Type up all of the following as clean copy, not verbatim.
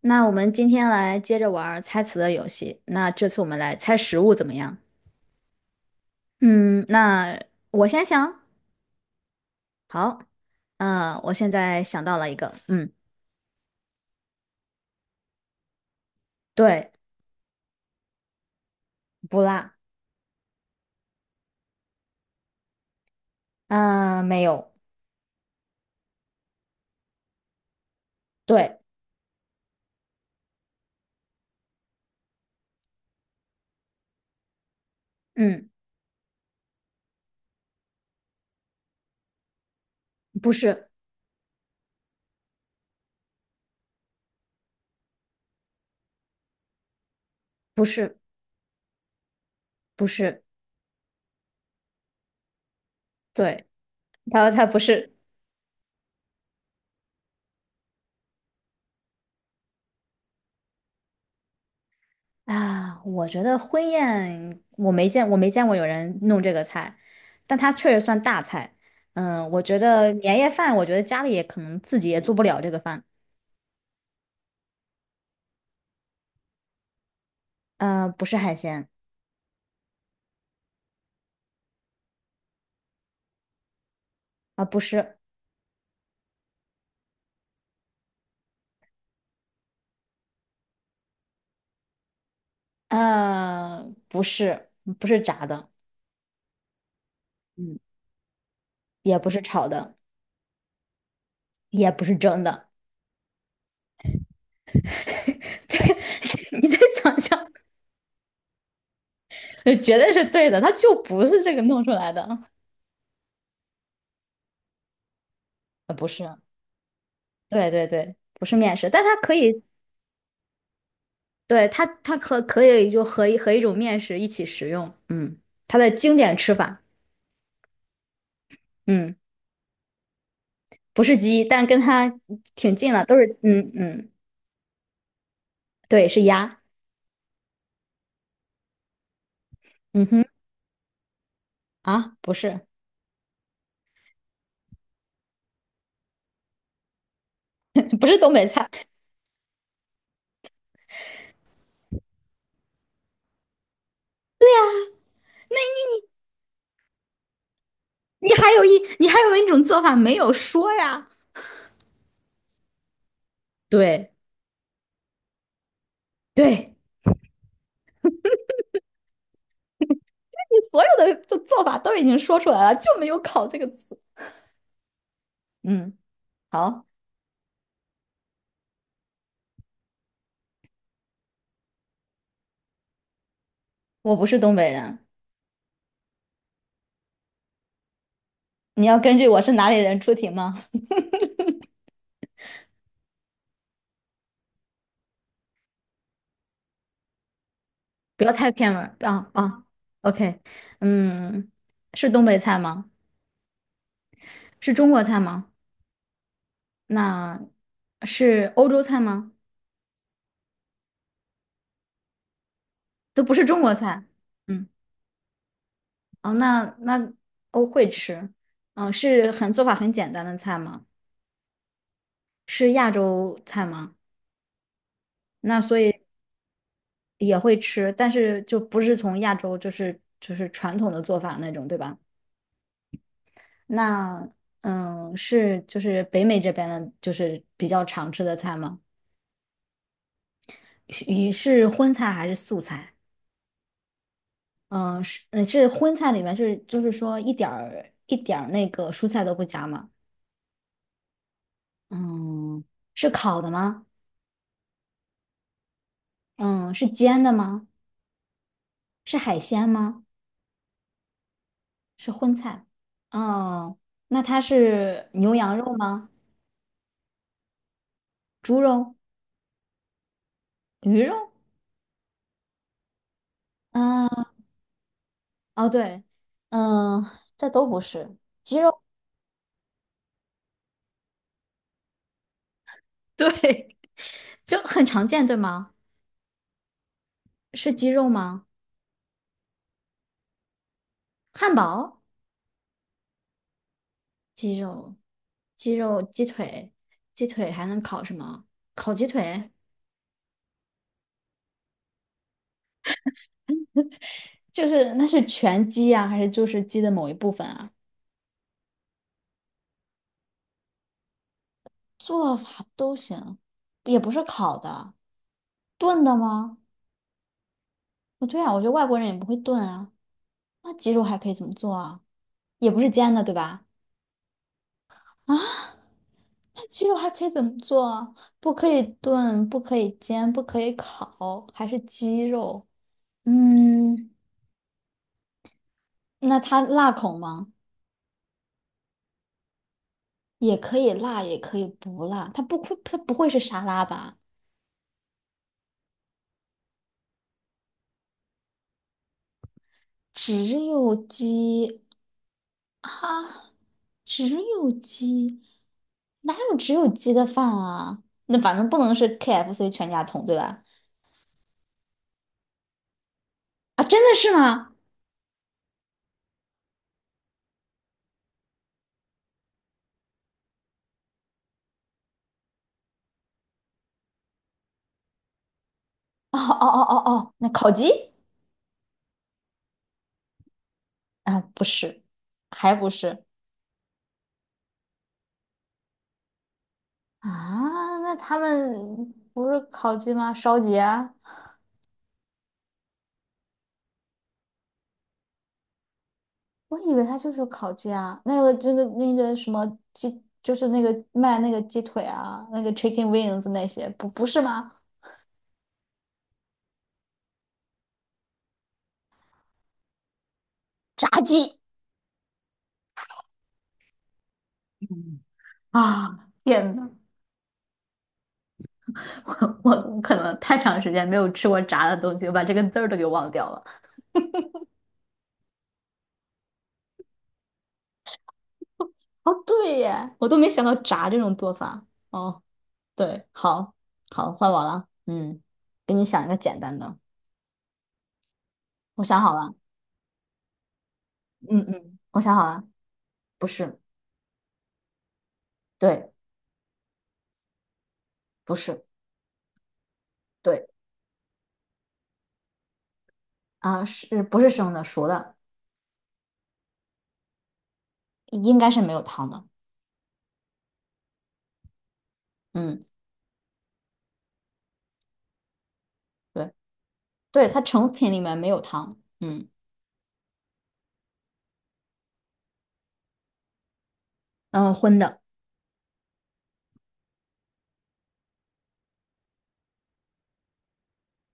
那我们今天来接着玩儿猜词的游戏。那这次我们来猜食物怎么样？嗯，那我先想。好，我现在想到了一个，对，不辣，嗯、没有，对，嗯，不是，不是，不是，对，他说他不是啊。我觉得婚宴我没见，我没见过有人弄这个菜，但它确实算大菜。我觉得年夜饭，我觉得家里也可能自己也做不了这个饭。不是海鲜，不是，不是，不是炸的，嗯，也不是炒的，也不是蒸的。这个 你再想想。绝对是对的，它就不是这个弄出来的。不是，对对对，不是面食，但它可以。对，它可以就和一种面食一起食用。嗯，它的经典吃法。嗯，不是鸡，但跟它挺近了，都是，嗯嗯，对，是鸭。嗯哼，不是，不是东北菜。你还有一，你还有一种做法没有说呀？对对，你所有的就做法都已经说出来了，就没有"考"这个词。嗯，好，我不是东北人。你要根据我是哪里人出题吗？不要太偏门儿啊啊！OK，嗯，是东北菜吗？是中国菜吗？那是欧洲菜吗？都不是中国菜。嗯，哦，那我会吃。是做法很简单的菜吗？是亚洲菜吗？那所以也会吃，但是就不是从亚洲，就是传统的做法那种，对吧？那是就是北美这边的，就是比较常吃的菜吗？是你是荤菜还是素菜？嗯，是荤菜里面是就是说一点儿一点儿那个蔬菜都不加吗？嗯，是烤的吗？嗯，是煎的吗？是海鲜吗？是荤菜。哦，那它是牛羊肉吗？猪肉、鱼肉？啊，哦，对，嗯，这都不是。对，就很常见，对吗？是鸡肉吗？汉堡、鸡肉、鸡肉、鸡腿、鸡腿还能烤什么？烤鸡腿。就是那是全鸡啊，还是就是鸡的某一部分啊？做法都行，也不是烤的。炖的吗？不对啊，我觉得外国人也不会炖啊。那鸡肉还可以怎么做啊？也不是煎的，对吧？啊，那鸡肉还可以怎么做啊？不可以炖，不可以煎，不可以烤，还是鸡肉？嗯，那它辣口吗？也可以辣，也可以不辣。它不会是沙拉吧？只有鸡啊，只有鸡，哪有只有鸡的饭啊？那反正不能是 KFC 全家桶，对吧？真的是吗？哦哦哦哦哦，那烤鸡啊，不是，还不是。那他们不是烤鸡吗？烧鸡啊？我以为它就是烤鸡啊。那个这个那个什么鸡，就是那个卖那个鸡腿啊，那个 chicken wings 那些，不是吗？炸鸡。嗯啊！天呐，我可能太长时间没有吃过炸的东西，我把这个字儿都给忘掉了。哦，对耶，我都没想到炸这种做法。哦，对，好，好，换我了。嗯，给你想一个简单的。我想好了。嗯，我想好了。不是，对，不是，对，是不是生的？熟的，应该是没有汤的。嗯，对，对，它成品里面没有汤。荤的，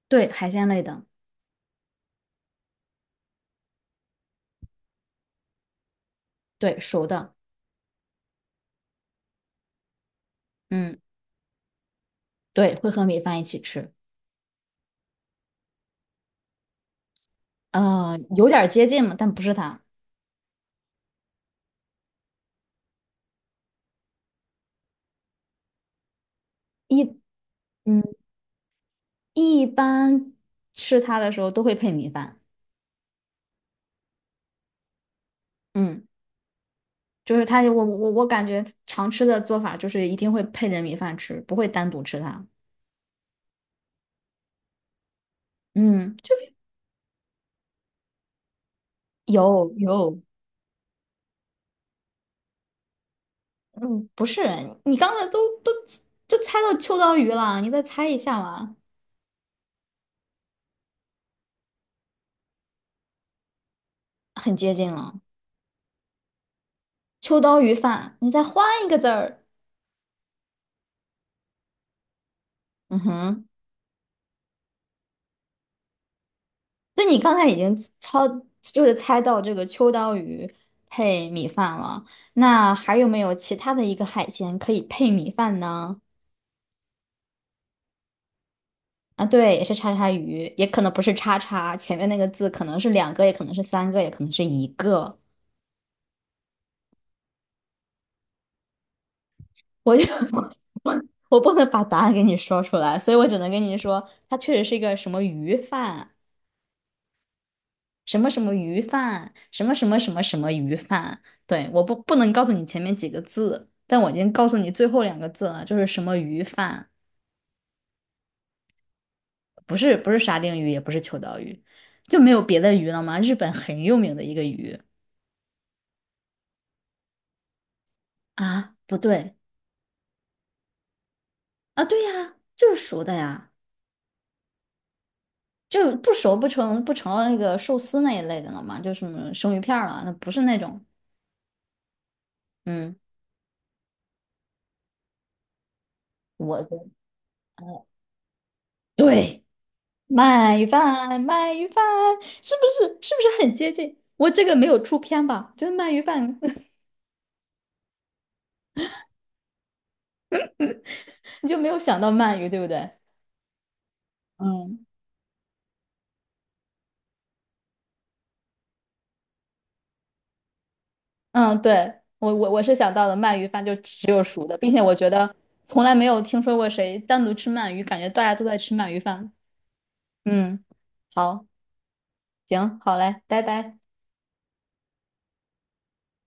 对，海鲜类的，对，熟的。嗯，对，会和米饭一起吃。有点儿接近了，但不是它。一，嗯，一般吃它的时候都会配米饭。嗯，就是它，我感觉常吃的做法就是一定会配着米饭吃，不会单独吃它。嗯，就是有有。嗯，不是，你刚才都就猜到秋刀鱼了，你再猜一下嘛，很接近了。秋刀鱼饭，你再换一个字儿。嗯哼，那你刚才已经就是猜到这个秋刀鱼配米饭了。那还有没有其他的一个海鲜可以配米饭呢？啊，对，也是叉叉鱼，也可能不是叉叉，前面那个字可能是两个，也可能是三个，也可能是一个。我就 我我不能把答案给你说出来，所以我只能跟你说，它确实是一个什么鱼饭，什么什么鱼饭，什么什么什么什么鱼饭。对，我不能告诉你前面几个字，但我已经告诉你最后两个字了，就是什么鱼饭，不是不是沙丁鱼，也不是秋刀鱼。就没有别的鱼了吗？日本很有名的一个鱼。啊，不对啊，对呀，就是熟的呀。就不熟不成那个寿司那一类的了嘛，就什么生鱼片儿了，那不是那种。嗯，我的对，鳗鱼饭，是不是很接近？我这个没有出片吧？就是鳗鱼饭。你就没有想到鳗鱼，对不对？嗯，嗯，对，我是想到了鳗鱼饭就只有熟的，并且我觉得从来没有听说过谁单独吃鳗鱼，感觉大家都在吃鳗鱼饭。嗯，好，行，好嘞，拜拜。